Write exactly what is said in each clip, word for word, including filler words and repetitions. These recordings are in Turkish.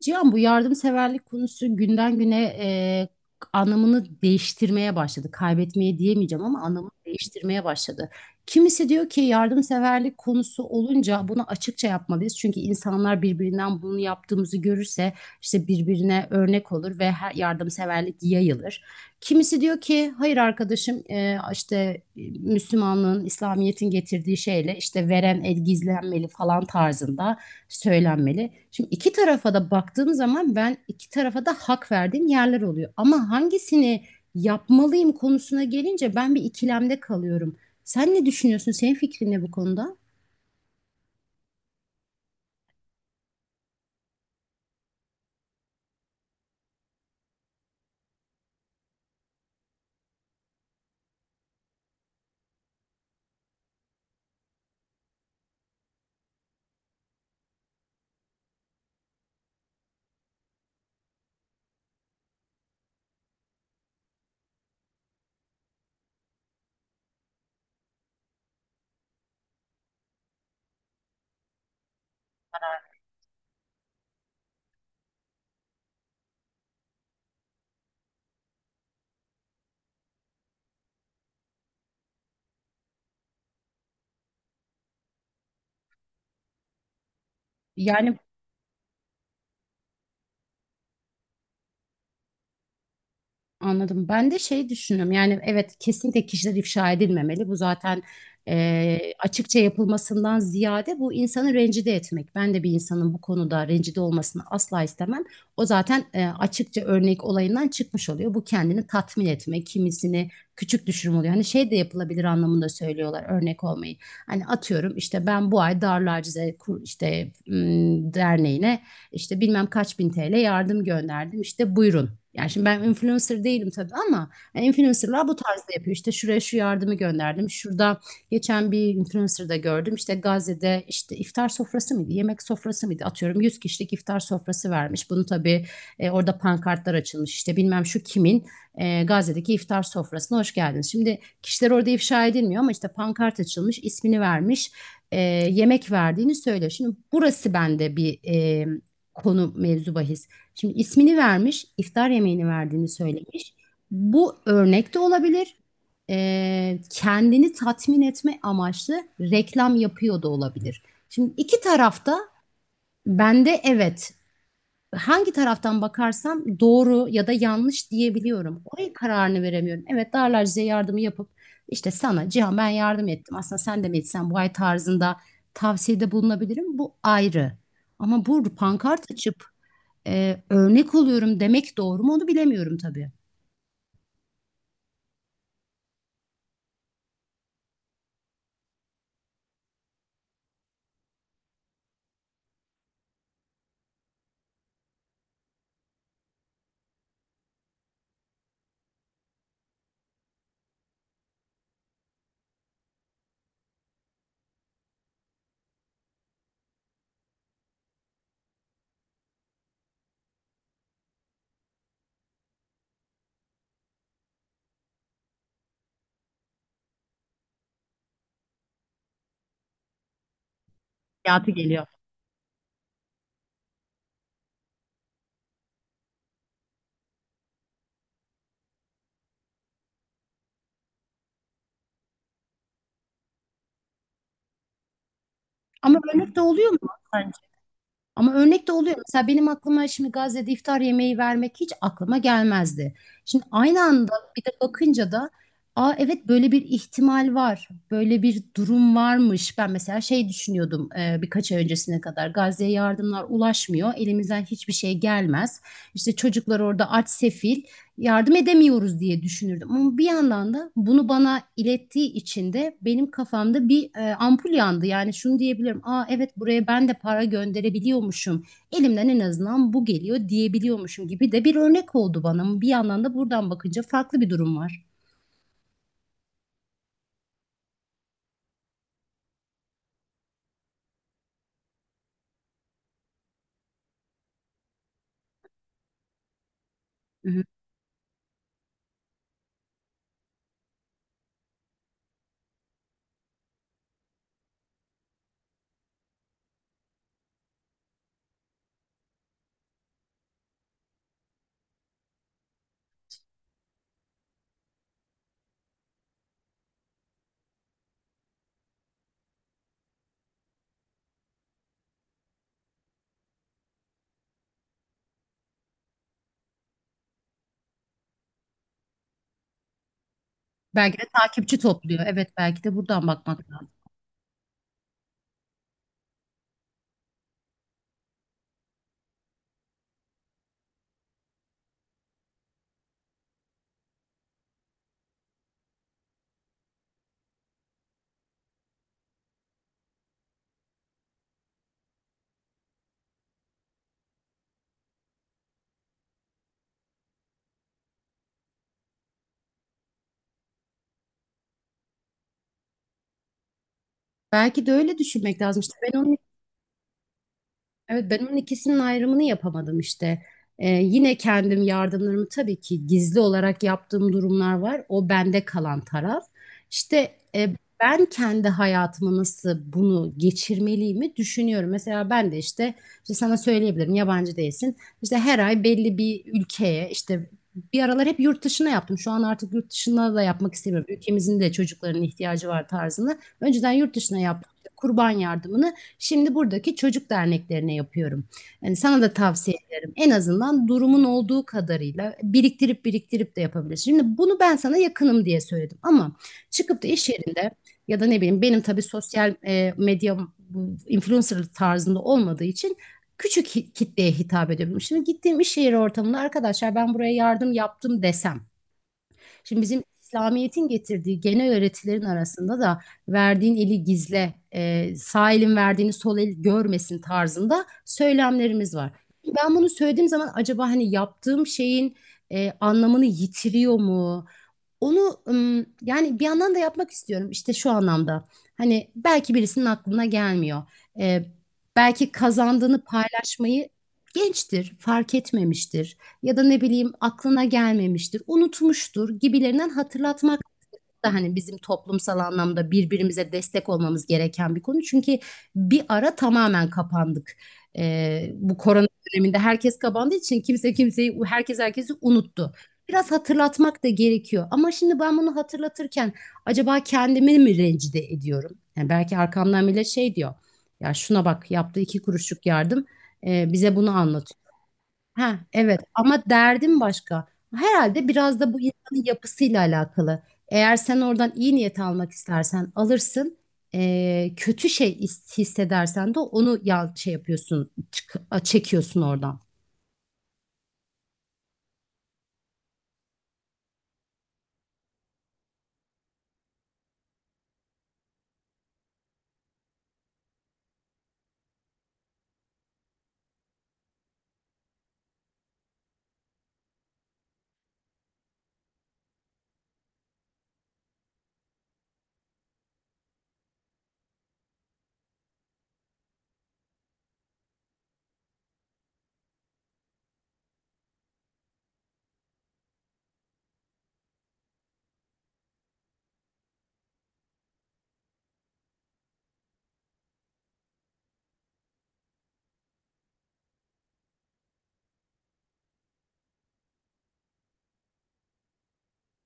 Cihan bu yardımseverlik konusu günden güne e, anlamını değiştirmeye başladı. Kaybetmeye diyemeyeceğim ama anlamını değiştirmeye başladı. Kimisi diyor ki yardımseverlik konusu olunca bunu açıkça yapmalıyız. Çünkü insanlar birbirinden bunu yaptığımızı görürse işte birbirine örnek olur ve her yardımseverlik yayılır. Kimisi diyor ki hayır arkadaşım e, işte e, Müslümanlığın, İslamiyet'in getirdiği şeyle işte veren el gizlenmeli falan tarzında söylenmeli. Şimdi iki tarafa da baktığım zaman ben iki tarafa da hak verdiğim yerler oluyor. Ama hangisini yapmalıyım konusuna gelince ben bir ikilemde kalıyorum. Sen ne düşünüyorsun? Senin fikrin ne bu konuda? Yani anladım. Ben de şey düşünüyorum. Yani evet, kesinlikle kişiler ifşa edilmemeli. Bu zaten e, açıkça yapılmasından ziyade bu insanı rencide etmek. Ben de bir insanın bu konuda rencide olmasını asla istemem. O zaten e, açıkça örnek olayından çıkmış oluyor. Bu kendini tatmin etme, kimisini küçük düşürme oluyor. Hani şey de yapılabilir anlamında söylüyorlar örnek olmayı. Hani atıyorum işte ben bu ay Darül Acize kur- işte m, derneğine işte bilmem kaç bin T L yardım gönderdim, işte buyurun. Yani şimdi ben influencer değilim tabii ama yani influencerlar bu tarzda yapıyor. İşte şuraya şu yardımı gönderdim. Şurada geçen bir influencer'da gördüm. İşte Gazze'de işte iftar sofrası mıydı? Yemek sofrası mıydı? Atıyorum yüz kişilik iftar sofrası vermiş. Bunu tabii e, orada pankartlar açılmış. İşte bilmem şu kimin e, Gazze'deki iftar sofrasına hoş geldiniz. Şimdi kişiler orada ifşa edilmiyor ama işte pankart açılmış, ismini vermiş, e, yemek verdiğini söylüyor. Şimdi burası bende bir e, konu mevzu bahis. Şimdi ismini vermiş, iftar yemeğini verdiğini söylemiş. Bu örnek de olabilir. Ee, kendini tatmin etme amaçlı reklam yapıyor da olabilir. Şimdi iki tarafta bende evet, hangi taraftan bakarsam doğru ya da yanlış diyebiliyorum. Oraya kararını veremiyorum. Evet, Darlar size yardımı yapıp işte sana Cihan ben yardım ettim. Aslında sen de mi etsen bu ay tarzında tavsiyede bulunabilirim. Bu ayrı. Ama bu pankart açıp e, örnek oluyorum demek doğru mu onu bilemiyorum tabii. Hayatı geliyor. Ama örnek de oluyor mu? Bence. Ama örnek de oluyor. Mesela benim aklıma şimdi Gazze'de iftar yemeği vermek hiç aklıma gelmezdi. Şimdi aynı anda bir de bakınca da aa evet, böyle bir ihtimal var. Böyle bir durum varmış. Ben mesela şey düşünüyordum e, birkaç ay öncesine kadar. Gazze'ye yardımlar ulaşmıyor. Elimizden hiçbir şey gelmez. İşte çocuklar orada aç sefil, yardım edemiyoruz diye düşünürdüm. Ama bir yandan da bunu bana ilettiği için de benim kafamda bir e, ampul yandı. Yani şunu diyebilirim. Aa evet, buraya ben de para gönderebiliyormuşum. Elimden en azından bu geliyor diyebiliyormuşum gibi de bir örnek oldu bana. Ama bir yandan da buradan bakınca farklı bir durum var. Hı hı. Belki de takipçi topluyor. Evet, belki de buradan bakmak lazım. Belki de öyle düşünmek lazım. İşte ben onun. Evet, ben onun ikisinin ayrımını yapamadım işte. Ee, yine kendim yardımlarımı tabii ki gizli olarak yaptığım durumlar var. O bende kalan taraf. İşte e, ben kendi hayatıma nasıl bunu geçirmeliyimi düşünüyorum. Mesela ben de işte, işte sana söyleyebilirim, yabancı değilsin. İşte her ay belli bir ülkeye işte bir aralar hep yurt dışına yaptım. Şu an artık yurt dışına da yapmak istemiyorum. Ülkemizin de çocukların ihtiyacı var tarzını. Önceden yurt dışına yaptım. İşte Kurban yardımını şimdi buradaki çocuk derneklerine yapıyorum. Yani sana da tavsiye ederim. En azından durumun olduğu kadarıyla biriktirip biriktirip de yapabilirsin. Şimdi bunu ben sana yakınım diye söyledim ama çıkıp da iş yerinde ya da ne bileyim, benim tabii sosyal e, medya bu influencer tarzında olmadığı için küçük hi- kitleye hitap ediyorum. Şimdi gittiğim iş yeri ortamında arkadaşlar ben buraya yardım yaptım desem, şimdi bizim İslamiyet'in getirdiği genel öğretilerin arasında da verdiğin eli gizle, e, sağ elin verdiğini sol el görmesin tarzında söylemlerimiz var. Ben bunu söylediğim zaman acaba hani yaptığım şeyin e, anlamını yitiriyor mu? Onu ım, yani bir yandan da yapmak istiyorum işte şu anlamda. Hani belki birisinin aklına gelmiyor. Ee, belki kazandığını paylaşmayı gençtir, fark etmemiştir ya da ne bileyim, aklına gelmemiştir, unutmuştur gibilerinden hatırlatmak da hani bizim toplumsal anlamda birbirimize destek olmamız gereken bir konu. Çünkü bir ara tamamen kapandık. Ee, bu korona döneminde herkes kapandığı için kimse kimseyi, herkes herkesi unuttu. Biraz hatırlatmak da gerekiyor. Ama şimdi ben bunu hatırlatırken acaba kendimi mi rencide ediyorum? Yani belki arkamdan bile şey diyor. Ya şuna bak, yaptığı iki kuruşluk yardım e, bize bunu anlatıyor. Ha, evet, ama derdim başka. Herhalde biraz da bu insanın yapısıyla alakalı. Eğer sen oradan iyi niyet almak istersen alırsın. Ee, kötü şey his- hissedersen de onu ya şey yapıyorsun, çık- çekiyorsun oradan.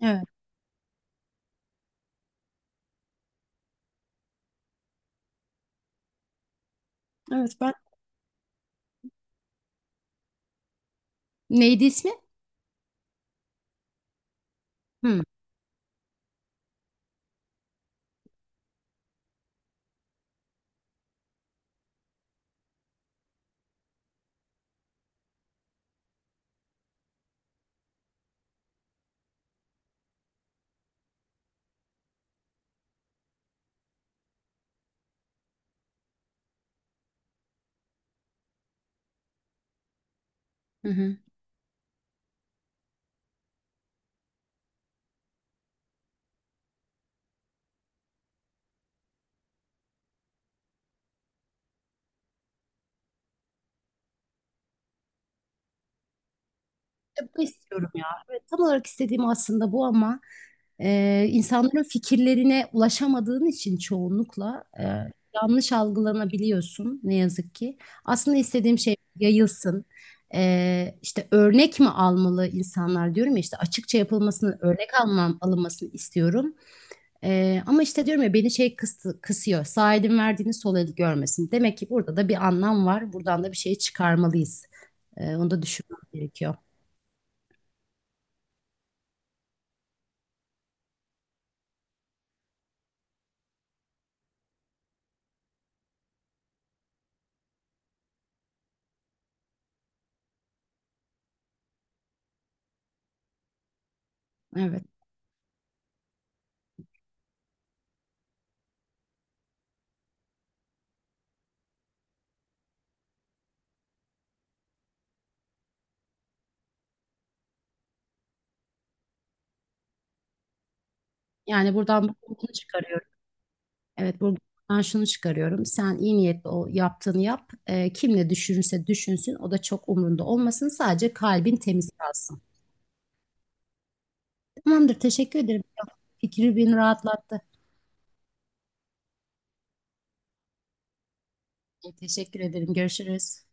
Evet, evet ben. Neydi ismi? Hı. Hı hı. Bunu istiyorum ya. Evet, tam olarak istediğim aslında bu ama e, insanların fikirlerine ulaşamadığın için çoğunlukla e, yanlış algılanabiliyorsun ne yazık ki. Aslında istediğim şey yayılsın. E, işte örnek mi almalı insanlar diyorum ya, işte açıkça yapılmasını, örnek alman, alınmasını istiyorum. E, ama işte diyorum ya beni şey kıstı, kısıyor. Sağ elin verdiğini sol el görmesin. Demek ki burada da bir anlam var. Buradan da bir şey çıkarmalıyız. E, onu da düşünmek gerekiyor. Evet. Yani buradan bunu çıkarıyorum. Evet, buradan şunu çıkarıyorum. Sen iyi niyetli o yaptığını yap. Ee, kim ne düşünürse düşünsün. O da çok umrunda olmasın. Sadece kalbin temiz kalsın. Tamamdır. Teşekkür ederim. Fikri beni rahatlattı. Teşekkür ederim. Görüşürüz.